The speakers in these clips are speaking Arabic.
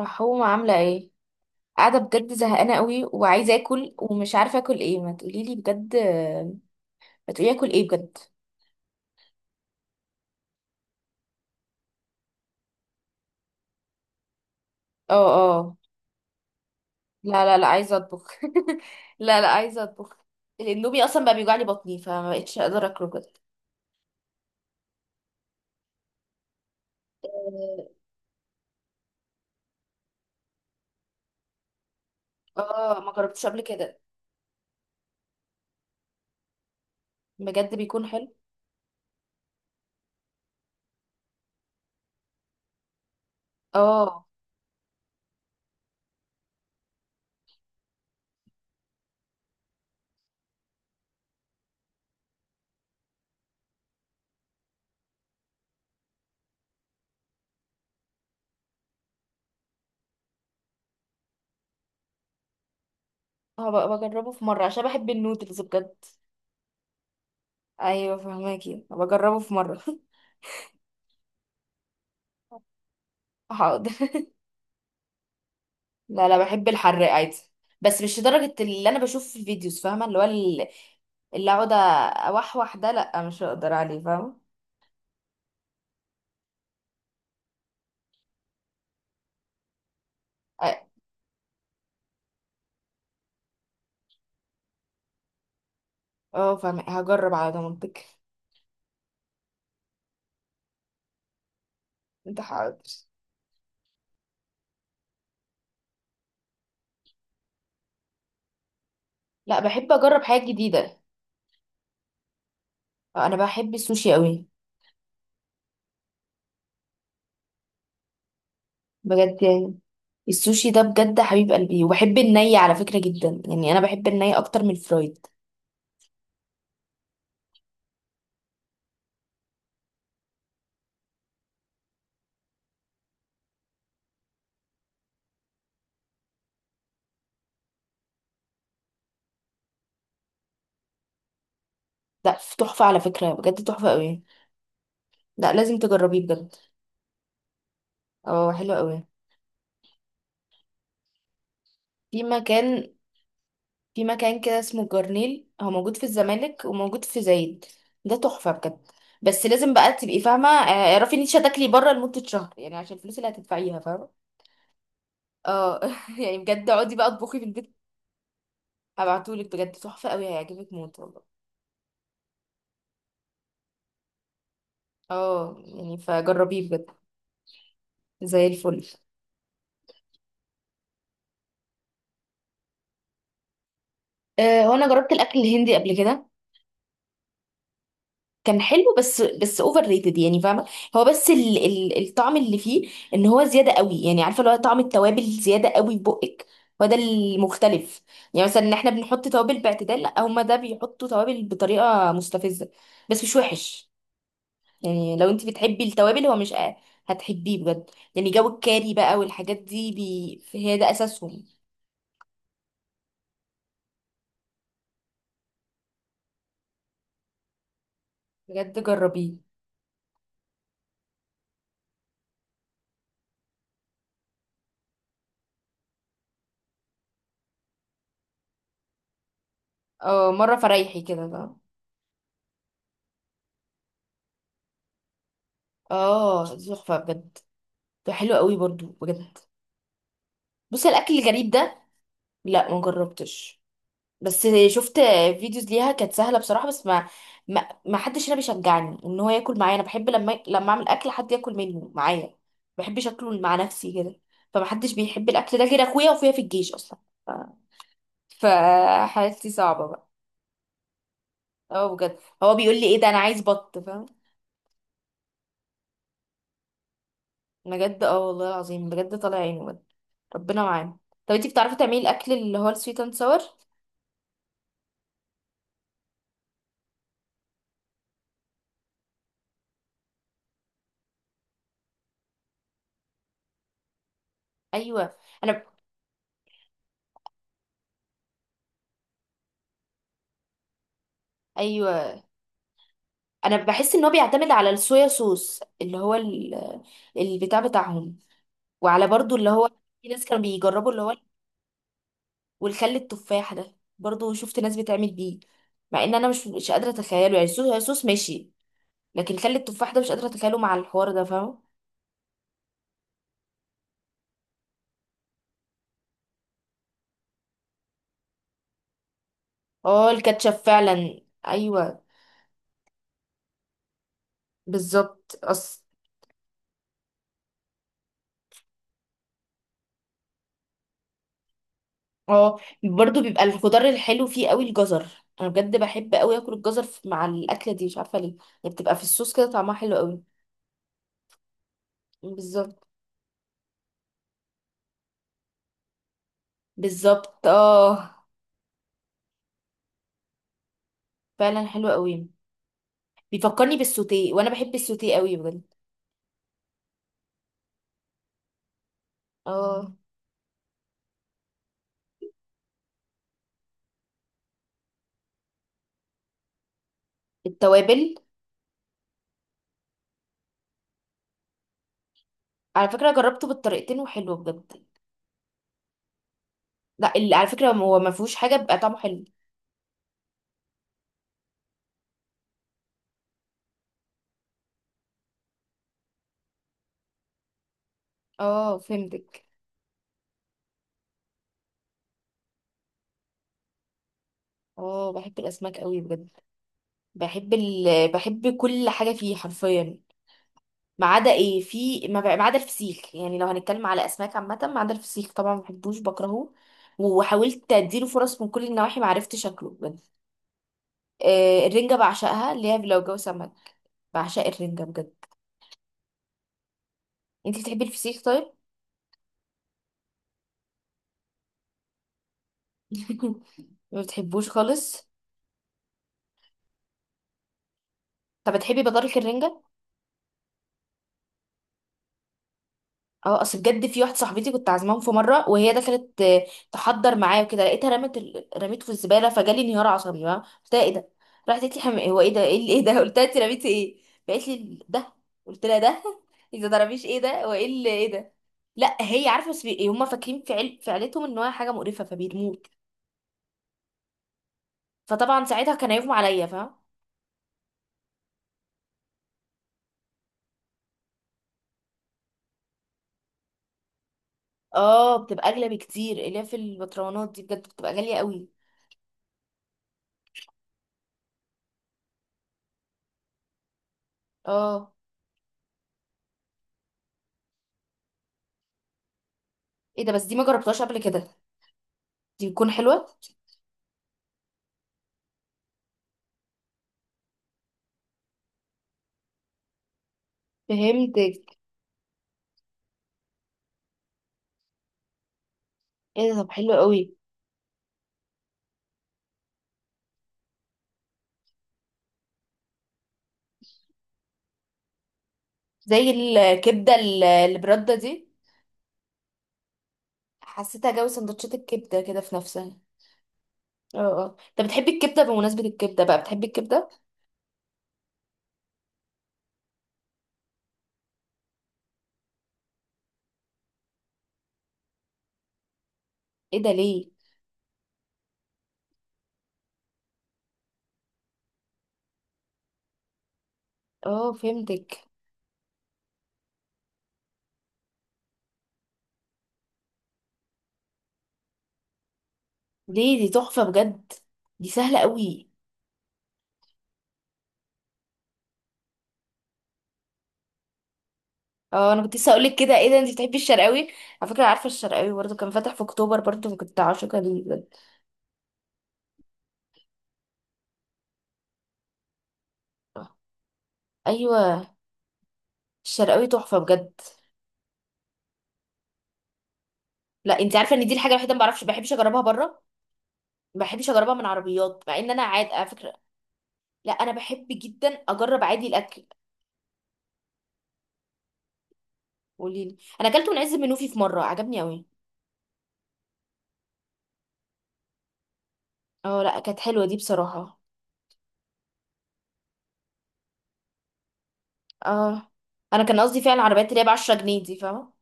رحومة عاملة ايه؟ قاعدة بجد زهقانة قوي وعايزة اكل ومش عارفة اكل ايه، ما تقوليلي بجد. ما تقولي اكل ايه بجد. اه، اه. لا، لا، لا، عايزة اطبخ. لا، لا، عايزة اطبخ. الاندومي اصلا بقى بيوجعلي بطني فما بقتش اقدر اكله بجد. اه، ما جربتش قبل كده. بجد بيكون حلو. اه، هبقى بجربه في مرة عشان بحب النودلز بجد. ايوه، فهماكي بجربه في مرة. حاضر. لا، لا، بحب الحراق عادي. بس مش لدرجة اللي انا بشوف في الفيديوز، فاهمة؟ اللي هو اللي اقعد، اوحوح، ده لا مش هقدر عليه، فاهمة. اه. فاهمة، هجرب على ضمانتك. انت حاضر. لا بحب اجرب حاجات جديدة. انا بحب السوشي قوي. بجد يعني السوشي ده بجد حبيب قلبي، وبحب الني على فكرة جدا، يعني انا بحب الني اكتر من الفرايد. لا، تحفة على فكرة بجد، تحفة قوي. لا، لازم تجربيه بجد. اه، حلو قوي. في مكان في مكان كده اسمه جرنيل، هو موجود في الزمالك وموجود في زايد. ده تحفة بجد. بس لازم بقى تبقي فاهمة، اعرفي ان انت هتاكلي بره لمدة شهر، يعني عشان الفلوس اللي هتدفعيها، فاهمة. اه. يعني بجد اقعدي بقى اطبخي في البيت. هبعتهولك بجد، تحفة قوي، هيعجبك موت والله. اه، يعني فجربيه بجد. زي الفل. هو انا جربت الاكل الهندي قبل كده. كان حلو، بس اوفر ريتد، يعني فاهمه. هو بس ال ال الطعم اللي فيه، ان هو زياده قوي، يعني عارفه اللي هو طعم التوابل زياده قوي في بقك. هو ده المختلف. يعني مثلا ان احنا بنحط توابل باعتدال، لا هما ده بيحطوا توابل بطريقه مستفزه. بس مش وحش. يعني لو انت بتحبي التوابل، هو مش هتحبيه بجد. يعني جو الكاري بقى والحاجات دي بي هي ده اساسهم. بجد جربيه. اه، مره فريحي كده بقى. اه، تحفه بجد. ده حلو قوي برضو بجد. بصي، الاكل الغريب ده لا ما جربتش، بس شفت فيديوز ليها، كانت سهله بصراحه، بس ما حدش هنا بيشجعني ان هو ياكل معايا. انا بحب لما اعمل اكل حد ياكل منه معايا، ما بحبش اكله مع نفسي كده. فما حدش بيحب الاكل ده غير اخويا، واخويا في الجيش اصلا. ف... فحالتي صعبه بقى. اه، بجد هو بيقول لي ايه ده، انا عايز بط، فاهم؟ بجد، اه والله العظيم، بجد طالع عينه بجد. ربنا معانا. طب انتي بتعرفي تعملي الاكل اللي هو السويت اند ساور؟ ايوه انا ايوه انا بحس ان هو بيعتمد على الصويا صوص اللي هو البتاع بتاعهم، وعلى برضو اللي هو، في ناس كانوا بيجربوا اللي هو، والخل التفاح ده برضو شفت ناس بتعمل بيه. مع ان انا مش قادره اتخيله، يعني صويا صوص ماشي، لكن خل التفاح ده مش قادره اتخيله مع الحوار ده، فاهم؟ اه، الكاتشب فعلا. ايوه بالظبط اصل. اه، برضو بيبقى الخضار الحلو فيه قوي، الجزر. انا بجد بحب قوي اكل الجزر مع الاكله دي، مش عارفه ليه. يعني بتبقى في الصوص كده طعمها حلو قوي. بالظبط، بالظبط، اه. فعلا حلو قوي. بيفكرني بالسوتيه، وانا بحب السوتيه قوي بجد. اه، التوابل. على فكره جربته بالطريقتين وحلو بجد. لا، على فكره هو ما فيهوش حاجه، بيبقى طعمه حلو. اه، فهمتك. اه، بحب الاسماك قوي بجد. بحب كل حاجه فيه حرفيا، ما عدا ايه. في ما بقى- ما عدا الفسيخ، يعني لو هنتكلم على اسماك عامه، ما عدا الفسيخ طبعا، ما بحبوش بكرهه. وحاولت اديله فرص من كل النواحي، ما عرفتش شكله بجد. الرنجه بعشقها، اللي هي لو جو سمك بعشق الرنجة بجد. انتي بتحبي الفسيخ طيب؟ ما بتحبوش خالص. طب بتحبي بطارخ الرنجة؟ اه، اصل بجد في واحدة صاحبتي كنت عازماهم في مرة، وهي دخلت تحضر معايا وكده، لقيتها رمت رميته في الزبالة، فجالي انهيار عصبي بقى. قلت لها ايه ده؟ راحت قالت لي هو ايه ده؟ ايه ده؟ قلت لها انت رميتي ايه؟ قالت لي ده. قلت لها ده؟ اذا ضربيش ايه ده وايه اللي ايه ده. لا هي عارفه، بس هم فاكرين في عيلتهم ان هو حاجه مقرفه فبيرموك. فطبعا ساعتها كان هيغمى عليا، فاهم؟ اه، بتبقى اغلى بكتير، الياف البطرونات دي بجد بتبقى غاليه قوي. اه، ايه ده بس، دي ما جربتهاش قبل كده. دي بتكون حلوه. فهمتك. ايه ده، طب حلو قوي. زي الكبده اللي برده دي. حسيتها جو سندوتشات الكبده كده في نفسها. اه. اه، طب بتحبي الكبده؟ بمناسبه الكبده بقى، بتحبي الكبده؟ ايه ده ليه؟ اه، فهمتك. ليه؟ دي تحفه بجد، دي سهله قوي. اه، انا كنت لسه اقول لك كده، ايه ده؟ انت بتحبي الشرقاوي؟ على فكره عارفه الشرقاوي برضه كان فاتح في اكتوبر، برضه كنت عاشقه ليه بجد. آه. ايوه، الشرقاوي تحفه بجد. لا، انت عارفه ان دي الحاجه الوحيده ما بعرفش، ما بحبش اجربها بره، ما بحبش اجربها من عربيات، مع ان انا عاد على فكره. لا، انا بحب جدا اجرب عادي الاكل. قولي لي. انا اكلته من عز منوفي في مره، عجبني قوي. اه، لا كانت حلوه دي بصراحه. اه، انا كان قصدي فعلا العربيات اللي هي ب 10 جنيه دي، فاهمه؟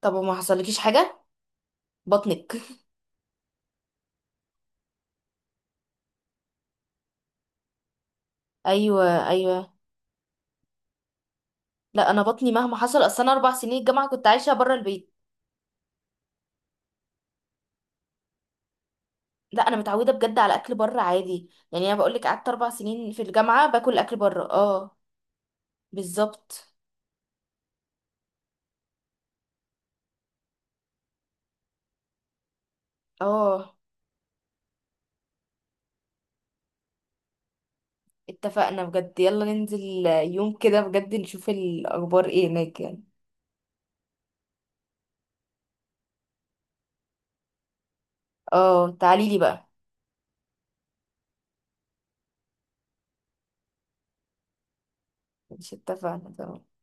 طب ما حصلكيش حاجه بطنك؟ ايوه، ايوه. لا، انا بطني مهما حصل، اصل انا 4 سنين الجامعه كنت عايشه بره البيت. لا، انا متعوده بجد على اكل بره عادي، يعني انا بقول لك قعدت 4 سنين في الجامعه باكل اكل بره. اه، بالظبط. اه، اتفقنا بجد، يلا ننزل يوم كده بجد نشوف الأخبار ايه هناك يعني. اه، تعاليلي بقى. مش اتفقنا؟ تمام.